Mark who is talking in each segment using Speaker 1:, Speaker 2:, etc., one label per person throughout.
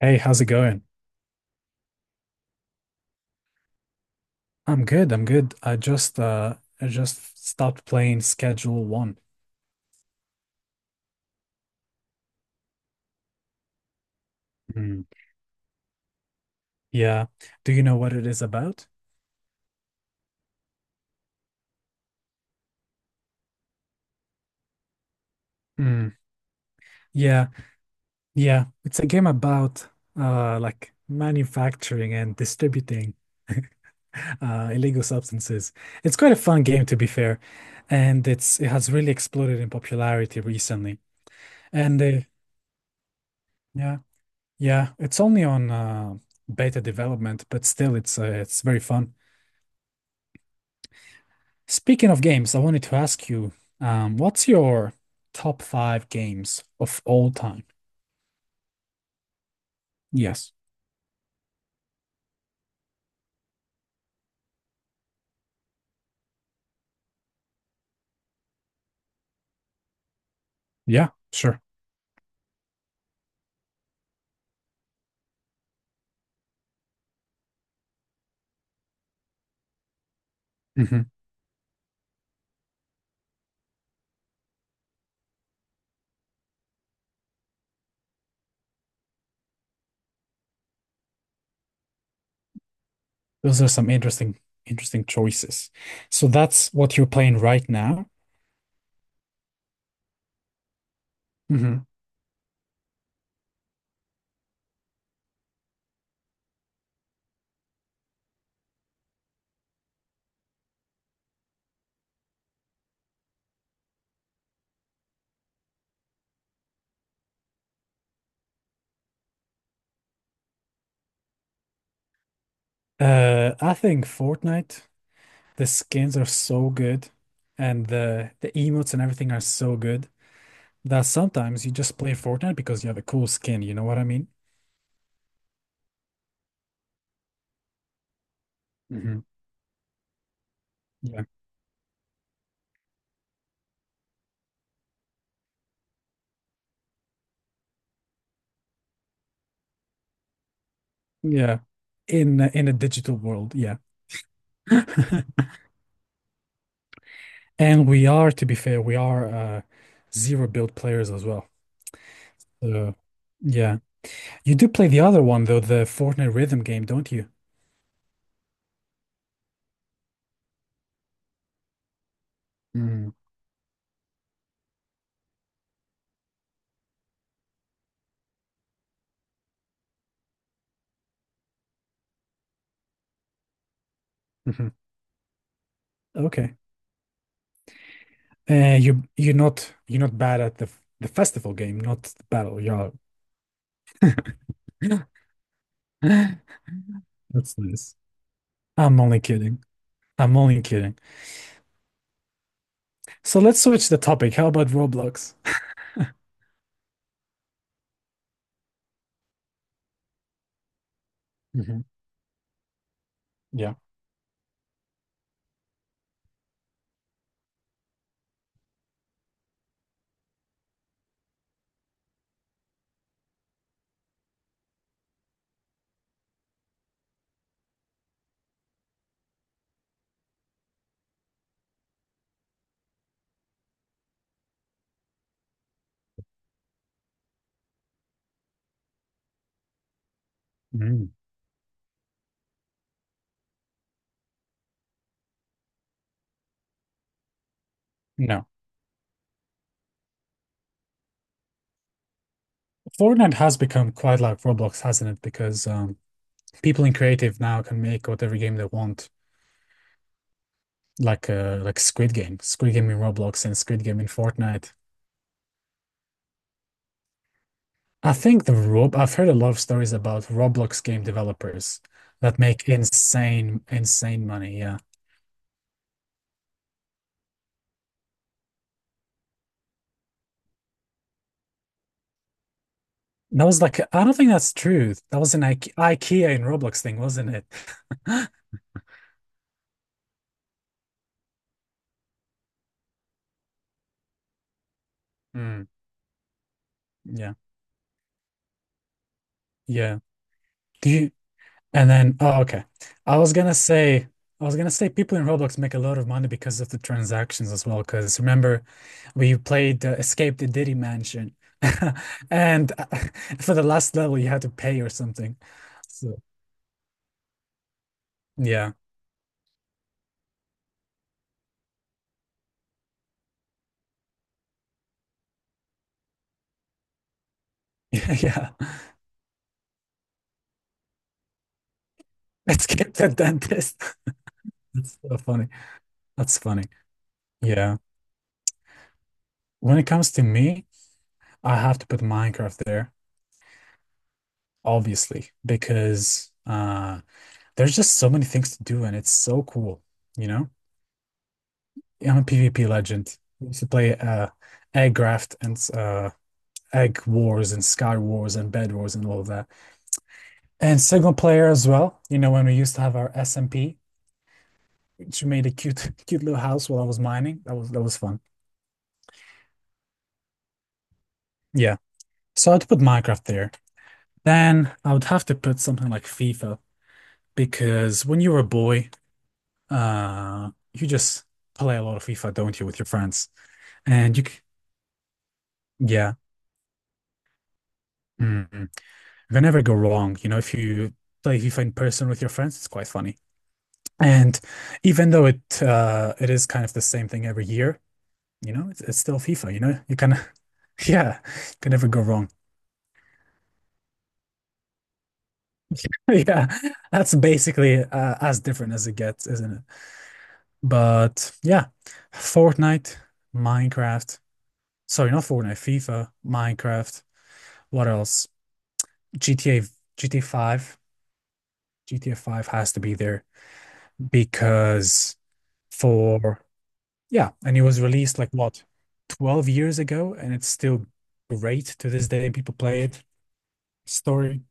Speaker 1: Hey, how's it going? I'm good. I'm good. I just stopped playing Schedule One. Hmm. Yeah. Do you know what it is about? Hmm. Yeah. Yeah. It's a game about like manufacturing and distributing illegal substances. It's quite a fun game to be fair, and it has really exploded in popularity recently. And yeah, yeah, it's only on beta development, but still it's very fun. Speaking of games, I wanted to ask you, what's your top five games of all time? Yes. Yeah, sure. Hmm. Those are some interesting, interesting choices. So that's what you're playing right now. Hmm. I think Fortnite, the skins are so good, and the emotes and everything are so good that sometimes you just play Fortnite because you have a cool skin. You know what I mean? Hmm. Yeah. Yeah. In a digital world, yeah. And we are, to be fair, we are zero build players as well. So, yeah. You do play the other one though, the Fortnite rhythm game, don't you? Mm. Mhm. Okay. You're not you're not bad at the festival game, not the battle. You're that's nice. I'm only kidding. I'm only kidding. So let's switch the topic. How about Roblox? Hmm. Yeah. Mm. No. Fortnite has become quite like Roblox, hasn't it? Because people in creative now can make whatever game they want. Like Squid Game, Squid Game in Roblox and Squid Game in Fortnite. I think the Rob I've heard a lot of stories about Roblox game developers that make insane insane money. Yeah. That was like I don't think that's true. That was an IKEA in Roblox thing, wasn't it? Mm, yeah. Yeah. Do you And then, oh, okay. I was gonna say, I was gonna say people in Roblox make a lot of money because of the transactions as well. Because remember, we played Escape the Diddy Mansion, and for the last level, you had to pay or something. So yeah, yeah. Escape the dentist. That's so funny. That's funny. Yeah. When it comes to me, I have to put Minecraft there, obviously, because there's just so many things to do, and it's so cool. You know. I'm a PvP legend. I used to play Aggraft and Egg Wars and Sky Wars and Bed Wars and all of that. And single player as well. You know, when we used to have our SMP, which made a cute, cute little house while I was mining. That was fun. Yeah. So I'd put Minecraft there. Then I would have to put something like FIFA because when you were a boy, you just play a lot of FIFA, don't you, with your friends? And you, c- yeah. Mm. They never go wrong. You know, if you play FIFA in person with your friends, it's quite funny. And even though it is kind of the same thing every year, you know, it's still FIFA. You know, you can yeah, you can never go wrong. Yeah, that's basically as different as it gets, isn't it? But yeah, Fortnite, Minecraft. Sorry, not Fortnite, FIFA, Minecraft. What else? GTA, GTA 5. GTA 5 has to be there because for yeah, and it was released like what, 12 years ago, and it's still great to this day. People play it. Story,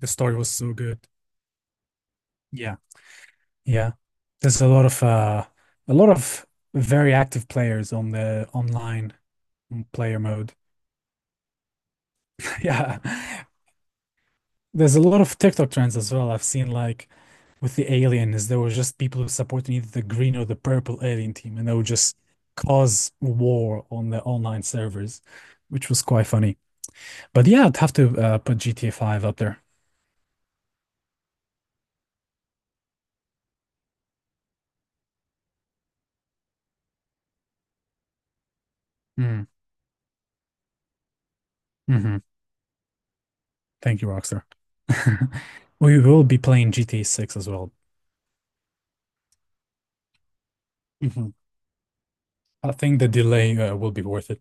Speaker 1: the story was so good. Yeah, yeah. There's a lot of a lot of very active players on the online player mode. Yeah. There's a lot of TikTok trends as well. I've seen like with the aliens, there were just people who supported either the green or the purple alien team, and they would just cause war on the online servers, which was quite funny. But yeah, I'd have to put GTA 5 up there. Mm, hmm. Thank you, Rockstar. We will be playing GTA 6 as well. Mhm. I think the delay will be worth it.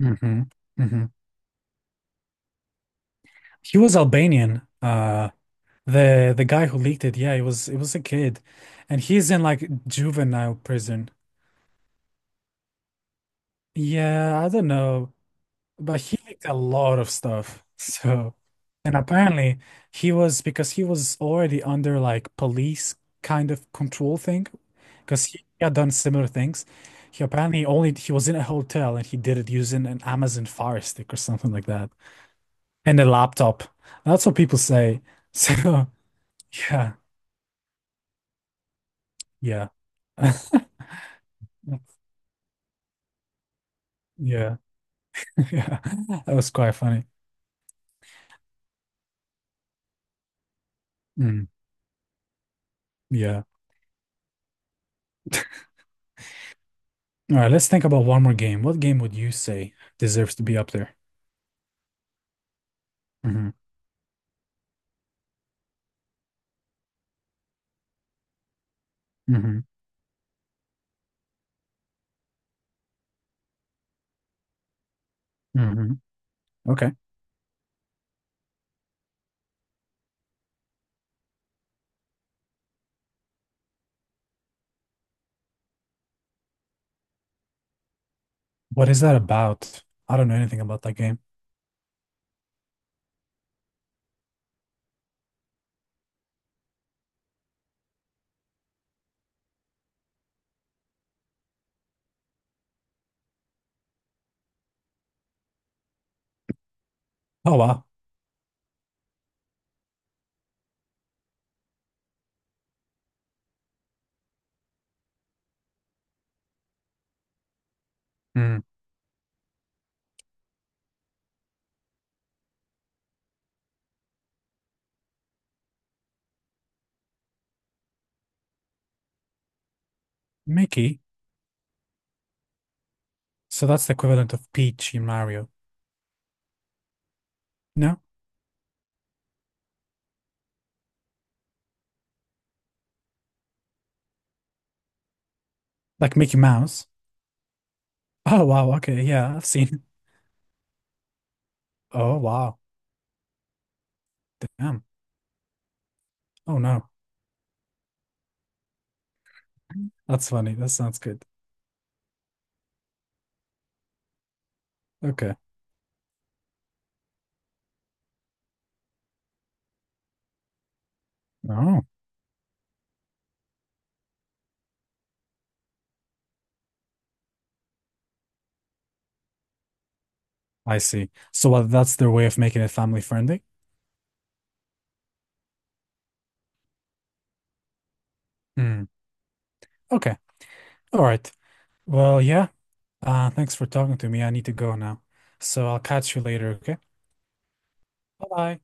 Speaker 1: Hmm. Hmm. He was Albanian. The guy who leaked it, yeah, it was a kid, and he's in like juvenile prison. Yeah, I don't know, but he leaked a lot of stuff. So, and apparently he was because he was already under like police kind of control thing, because he had done similar things. He apparently only he was in a hotel and he did it using an Amazon Fire Stick or something like that and a laptop. That's what people say. So yeah, yeah, yeah, yeah. That was quite funny. Mm, yeah. All right, let's think about one more game. What game would you say deserves to be up there? Hmm. Hmm. Hmm. Okay. What is that about? I don't know anything about that game. Oh wow. Mm. Mickey. So that's the equivalent of Peach in Mario. No? Like Mickey Mouse. Oh wow, okay, yeah, I've seen. Oh wow. Damn. Oh no. That's funny. That sounds good. Okay. Oh, I see. So what, that's their way of making it family friendly? Hmm. Okay. All right. Well, yeah. Thanks for talking to me. I need to go now. So I'll catch you later, okay? Bye-bye.